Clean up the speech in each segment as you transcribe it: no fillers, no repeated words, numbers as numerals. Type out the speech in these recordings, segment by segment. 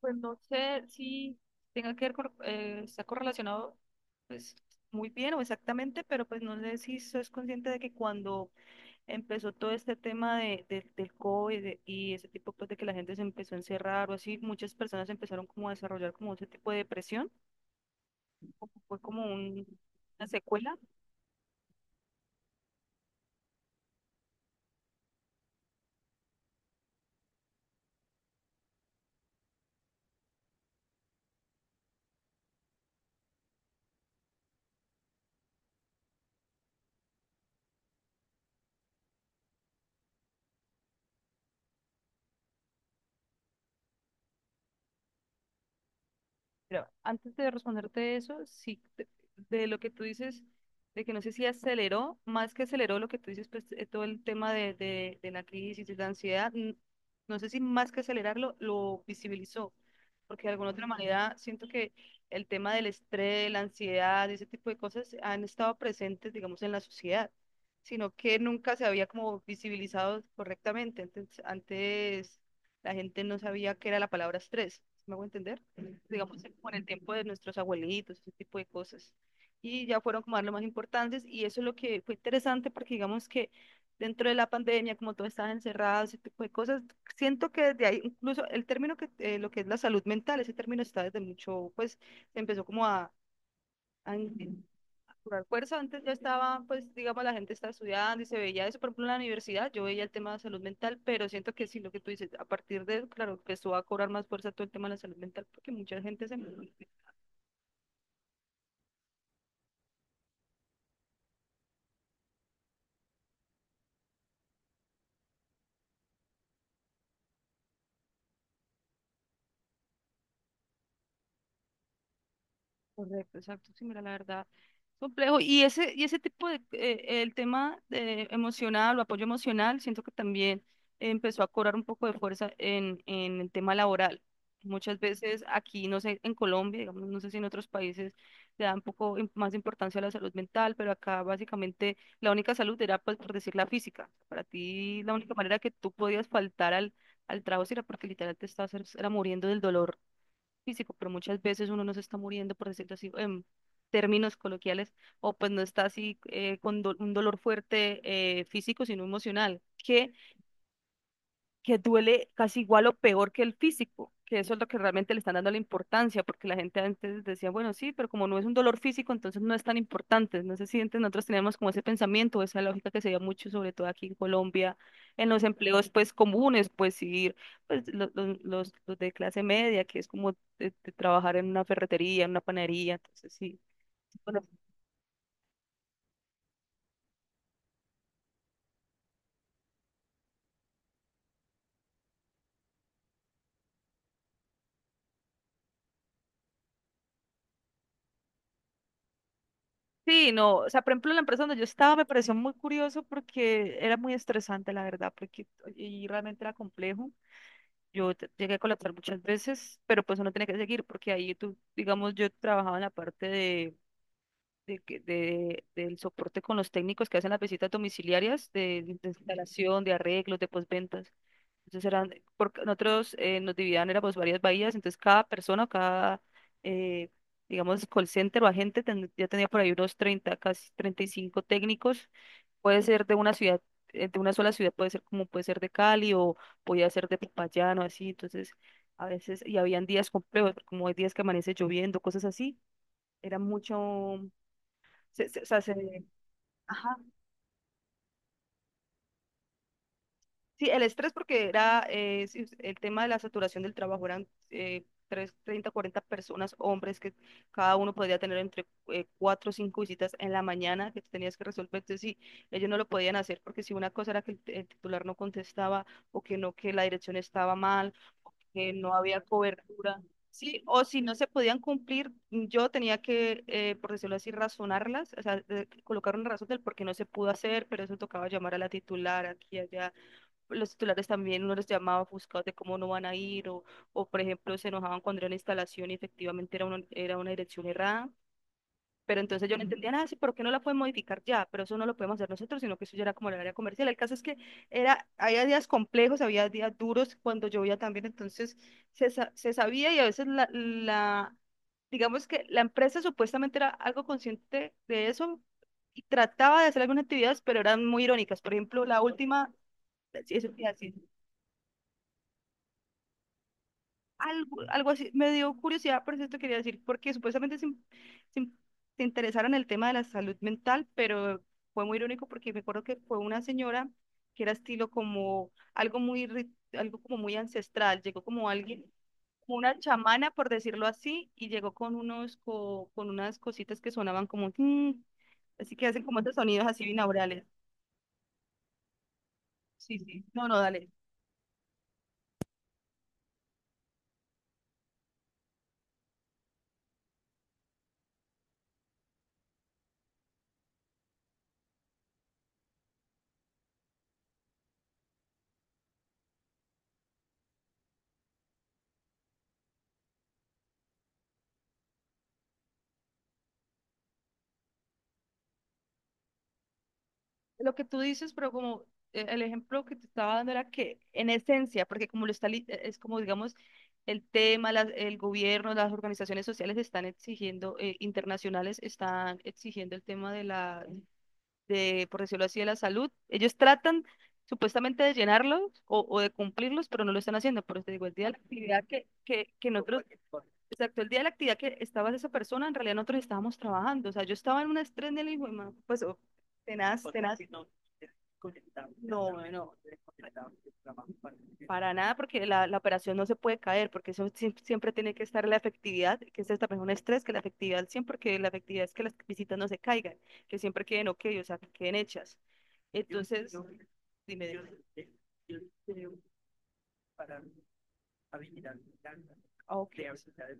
Pues no sé si tenga que ver con, está correlacionado pues muy bien o exactamente, pero pues no sé si sos consciente de que cuando empezó todo este tema del COVID y ese tipo pues de que la gente se empezó a encerrar o así, muchas personas empezaron como a desarrollar como ese tipo de depresión, fue como una secuela. Pero antes de responderte eso, sí, de lo que tú dices, de que no sé si aceleró, más que aceleró lo que tú dices, pues todo el tema de la crisis, de la ansiedad, no sé si más que acelerarlo, lo visibilizó, porque de alguna otra manera siento que el tema del estrés, la ansiedad, ese tipo de cosas han estado presentes, digamos, en la sociedad, sino que nunca se había como visibilizado correctamente. Entonces, antes la gente no sabía qué era la palabra estrés. ¿Sí? ¿Me hago entender? Digamos, como en el tiempo de nuestros abuelitos, ese tipo de cosas. Y ya fueron como a lo más importantes y eso es lo que fue interesante porque digamos que dentro de la pandemia, como todos estaban encerrados, ese tipo de cosas, siento que desde ahí, incluso el término que, lo que es la salud mental, ese término está desde mucho, pues se empezó como a in- a cobrar fuerza. Antes ya estaba, pues digamos, la gente estaba estudiando y se veía eso, por ejemplo, en la universidad, yo veía el tema de salud mental, pero siento que sí, lo que tú dices, a partir de, claro, empezó a cobrar más fuerza todo el tema de la salud mental, porque mucha gente se enfermó. Correcto, exacto, sí, mira, la verdad, complejo. Y ese tipo de, el tema de emocional o apoyo emocional, siento que también empezó a cobrar un poco de fuerza en el tema laboral. Muchas veces aquí, no sé, en Colombia, digamos, no sé si en otros países le dan un poco más importancia a la salud mental, pero acá básicamente la única salud era, pues, por decir, la física. Para ti, la única manera que tú podías faltar al trabajo era porque literal te estabas, era muriendo del dolor físico, pero muchas veces uno no se está muriendo, por decirlo así, en términos coloquiales, o pues no está así con un dolor fuerte físico, sino emocional, que duele casi igual o peor que el físico, que eso es lo que realmente le están dando la importancia, porque la gente antes decía, bueno, sí, pero como no es un dolor físico, entonces no es tan importante. No sé si antes nosotros teníamos como ese pensamiento, esa lógica que se veía mucho, sobre todo aquí en Colombia, en los empleos pues comunes, pues pues los de clase media, que es como de trabajar en una ferretería, en una panadería, entonces sí. Bueno, sí, no, o sea, por ejemplo, la empresa donde yo estaba me pareció muy curioso porque era muy estresante, la verdad, porque y realmente era complejo. Llegué a colocar muchas veces, pero pues uno tiene que seguir porque ahí tú, digamos, yo trabajaba en la parte del soporte con los técnicos que hacen las visitas domiciliarias de instalación, de arreglos, de postventas. Entonces eran, porque nosotros nos dividían, éramos varias bahías, entonces cada persona, cada, eh, digamos, call center o agente ya tenía por ahí unos 30 casi 35 técnicos. Puede ser de una ciudad, de una sola ciudad, puede ser como puede ser de Cali o podía ser de Popayán o así. Entonces, a veces, y habían días complejos, como hay días que amanece lloviendo, cosas así. Era mucho, o sea, ajá. Sí, el estrés porque era sí, el tema de la saturación del trabajo, eran 30, 40 personas, hombres, que cada uno podría tener entre cuatro o cinco visitas en la mañana que tenías que resolver. Entonces, sí, ellos no lo podían hacer porque si una cosa era que el titular no contestaba o que no, que la dirección estaba mal o que no había cobertura. Sí, o si no se podían cumplir, yo tenía que, por decirlo así, razonarlas, o sea, colocar una razón del por qué no se pudo hacer, pero eso tocaba llamar a la titular aquí y allá. Los titulares también uno los llamaba ofuscados de cómo no van a ir por ejemplo se enojaban cuando era una instalación y efectivamente era una dirección errada. Pero entonces yo no entendía nada, sí, ¿por qué no la pueden modificar ya? Pero eso no lo podemos hacer nosotros, sino que eso ya era como el área comercial. El caso es que era, había días complejos, había días duros cuando llovía también, entonces se sabía y a veces digamos que la empresa supuestamente era algo consciente de eso y trataba de hacer algunas actividades, pero eran muy irónicas. Por ejemplo, la última, sí, eso te iba a decir, algo, algo así, me dio curiosidad, por eso te quería decir, porque supuestamente se, in- se interesaron en el tema de la salud mental, pero fue muy irónico porque me acuerdo que fue una señora que era estilo como algo muy, algo como muy ancestral, llegó como alguien, como una chamana, por decirlo así, y llegó con con unas cositas que sonaban como "tin", así que hacen como estos sonidos así binaurales. Sí, sí, no, no, dale. Lo que tú dices, pero como el ejemplo que te estaba dando era que en esencia, porque como lo está, es como digamos el tema, el gobierno, las organizaciones sociales están exigiendo, internacionales están exigiendo el tema de la, de, por decirlo así, de la salud. Ellos tratan supuestamente de llenarlos o de cumplirlos, pero no lo están haciendo. Por eso te digo, el día de la actividad que nosotros. Exacto, el día de la actividad que estaba esa persona, en realidad nosotros estábamos trabajando. O sea, yo estaba en un estrés del hijo, pues, oh, tenaz, tenaz. No, no, para nada, porque la operación no se puede caer, porque eso siempre tiene que estar la efectividad, que es también un estrés, que la efectividad al 100, porque la efectividad es que las visitas no se caigan, que siempre queden ok, o sea, que queden hechas. Entonces, dime, dime. Ah, ok. Exacto,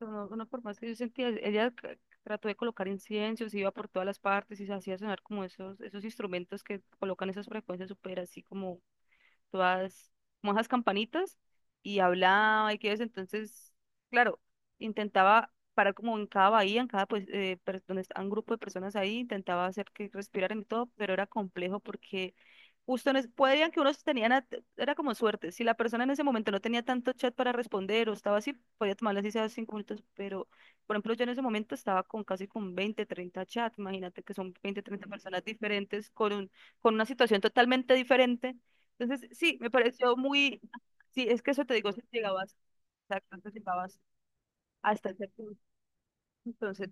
no, no, por más que yo sentía, ella trató de colocar inciensos, iba por todas las partes y se hacía sonar como esos instrumentos que colocan esas frecuencias súper así como todas como esas campanitas y hablaba y que eso. Entonces, claro, intentaba parar como en cada bahía, en cada, pues, donde está un grupo de personas ahí, intentaba hacer que respiraran y todo, pero era complejo porque ustedes podrían que unos tenían, era como suerte. Si la persona en ese momento no tenía tanto chat para responder o estaba así, podía tomarle así sea 5 minutos. Pero, por ejemplo, yo en ese momento estaba con casi con 20, 30 chats. Imagínate que son 20, 30 personas diferentes con con una situación totalmente diferente. Entonces, sí, me pareció muy, sí, es que eso te digo, si llegabas, exacto, antes llegabas hasta ese punto. Entonces,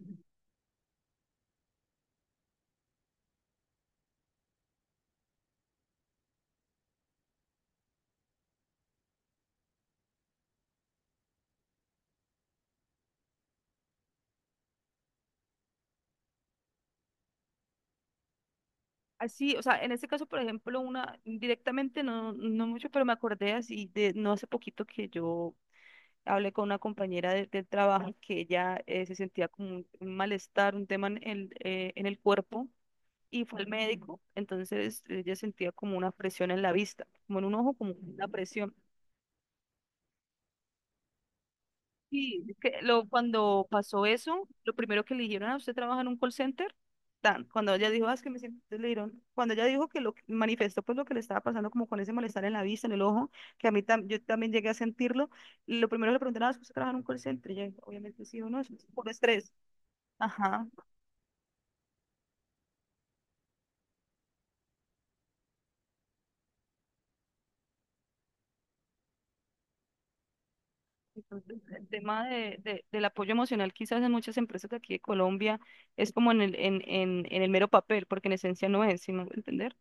así, o sea, en este caso, por ejemplo, una directamente no, no mucho, pero me acordé así de no hace poquito que yo hablé con una compañera del trabajo que ella se sentía como un malestar, un tema en el cuerpo y fue al médico, entonces ella sentía como una presión en la vista, como en un ojo, como una presión. Y es que cuando pasó eso, lo primero que le dijeron: "Ah, ¿usted trabaja en un call center?" Tan, cuando ella dijo: "Ah, es que me siento", entonces le dijeron, cuando ella dijo que lo que manifestó, pues lo que le estaba pasando como con ese malestar en la vista, en el ojo, que a mí yo también llegué a sentirlo, y lo primero que le preguntaron: "Ah, ¿es que usted trabaja en un call center?" Y ella dijo, obviamente sí o no, eso es por estrés. Ajá. Entonces, el tema del apoyo emocional quizás en muchas empresas de aquí de Colombia es como en el mero papel, porque en esencia no es, sino entender.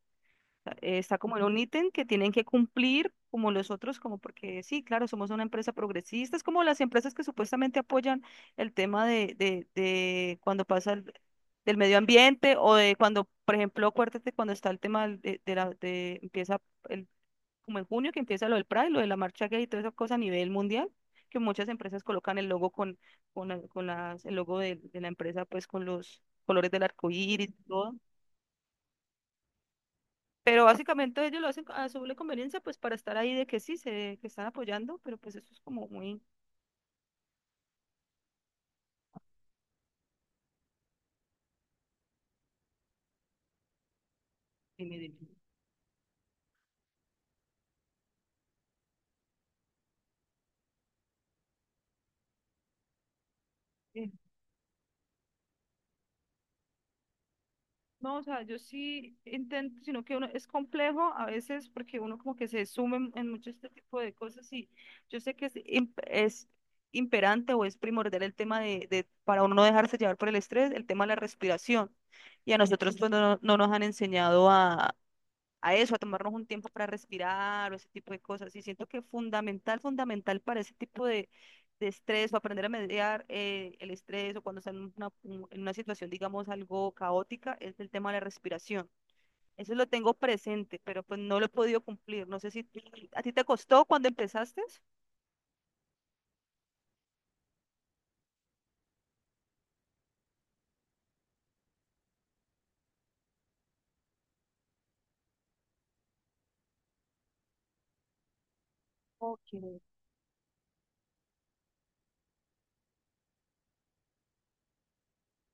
O sea, está como en un ítem que tienen que cumplir como los otros, como porque sí, claro, somos una empresa progresista, es como las empresas que supuestamente apoyan el tema de cuando pasa del medio ambiente o de cuando, por ejemplo, acuérdate cuando está el tema del- de la, de empieza el como en junio que empieza lo del Pride, lo de la marcha gay y todas esas cosas a nivel mundial, que muchas empresas colocan el logo con las, el logo de la empresa pues con los colores del arco iris y todo. Pero básicamente ellos lo hacen a su doble conveniencia pues para estar ahí de que sí, que están apoyando, pero pues eso es como muy, eh, no, o sea, yo sí intento, sino que uno es complejo a veces porque uno como que se sume en mucho este tipo de cosas y yo sé que es, es imperante o es primordial el tema para uno no dejarse llevar por el estrés, el tema de la respiración. Y a nosotros pues no, no nos han enseñado a eso, a tomarnos un tiempo para respirar o ese tipo de cosas. Y siento que fundamental, fundamental para ese tipo de estrés o aprender a mediar el estrés o cuando están en en una situación, digamos, algo caótica, es el tema de la respiración. Eso lo tengo presente, pero pues no lo he podido cumplir. No sé si a ti te costó cuando empezaste. Ok.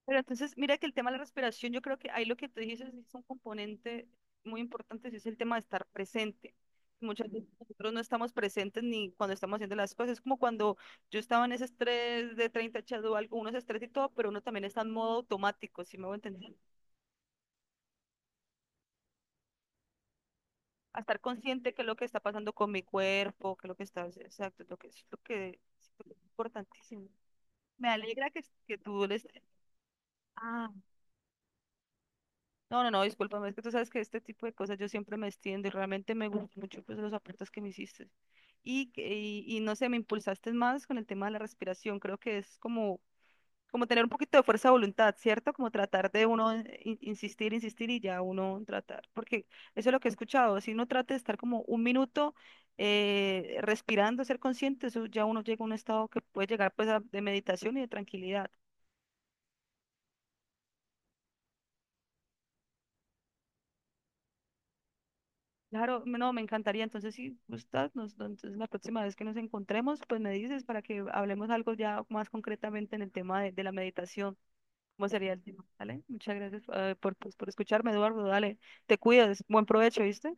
Pero entonces, mira que el tema de la respiración, yo creo que ahí lo que tú dices es un componente muy importante, sí es el tema de estar presente. Muchas veces nosotros no estamos presentes ni cuando estamos haciendo las cosas. Es como cuando yo estaba en ese estrés de 30 echado algo, uno es estrés y todo, pero uno también está en modo automático, si me voy a entender. A estar consciente que es lo que está pasando con mi cuerpo, que es lo que está, exacto, es lo que es lo que es importantísimo. Me alegra que tú les... Ah, no, no, no, discúlpame, es que tú sabes que este tipo de cosas yo siempre me extiendo y realmente me gustó mucho pues los aportes que me hiciste. Y no sé, me impulsaste más con el tema de la respiración. Creo que es como tener un poquito de fuerza de voluntad, ¿cierto? Como tratar de uno insistir, insistir y ya uno tratar. Porque eso es lo que he escuchado. Si uno trata de estar como un minuto respirando, ser consciente, eso ya uno llega a un estado que puede llegar pues de meditación y de tranquilidad. Claro, no, me encantaría. Entonces, si gustas, nos, no, entonces la próxima vez que nos encontremos, pues me dices para que hablemos algo ya más concretamente en el tema de la meditación. ¿Cómo sería el tema? ¿Vale? Muchas gracias, por, pues, por escucharme, Eduardo. Dale, te cuidas. Buen provecho, ¿viste?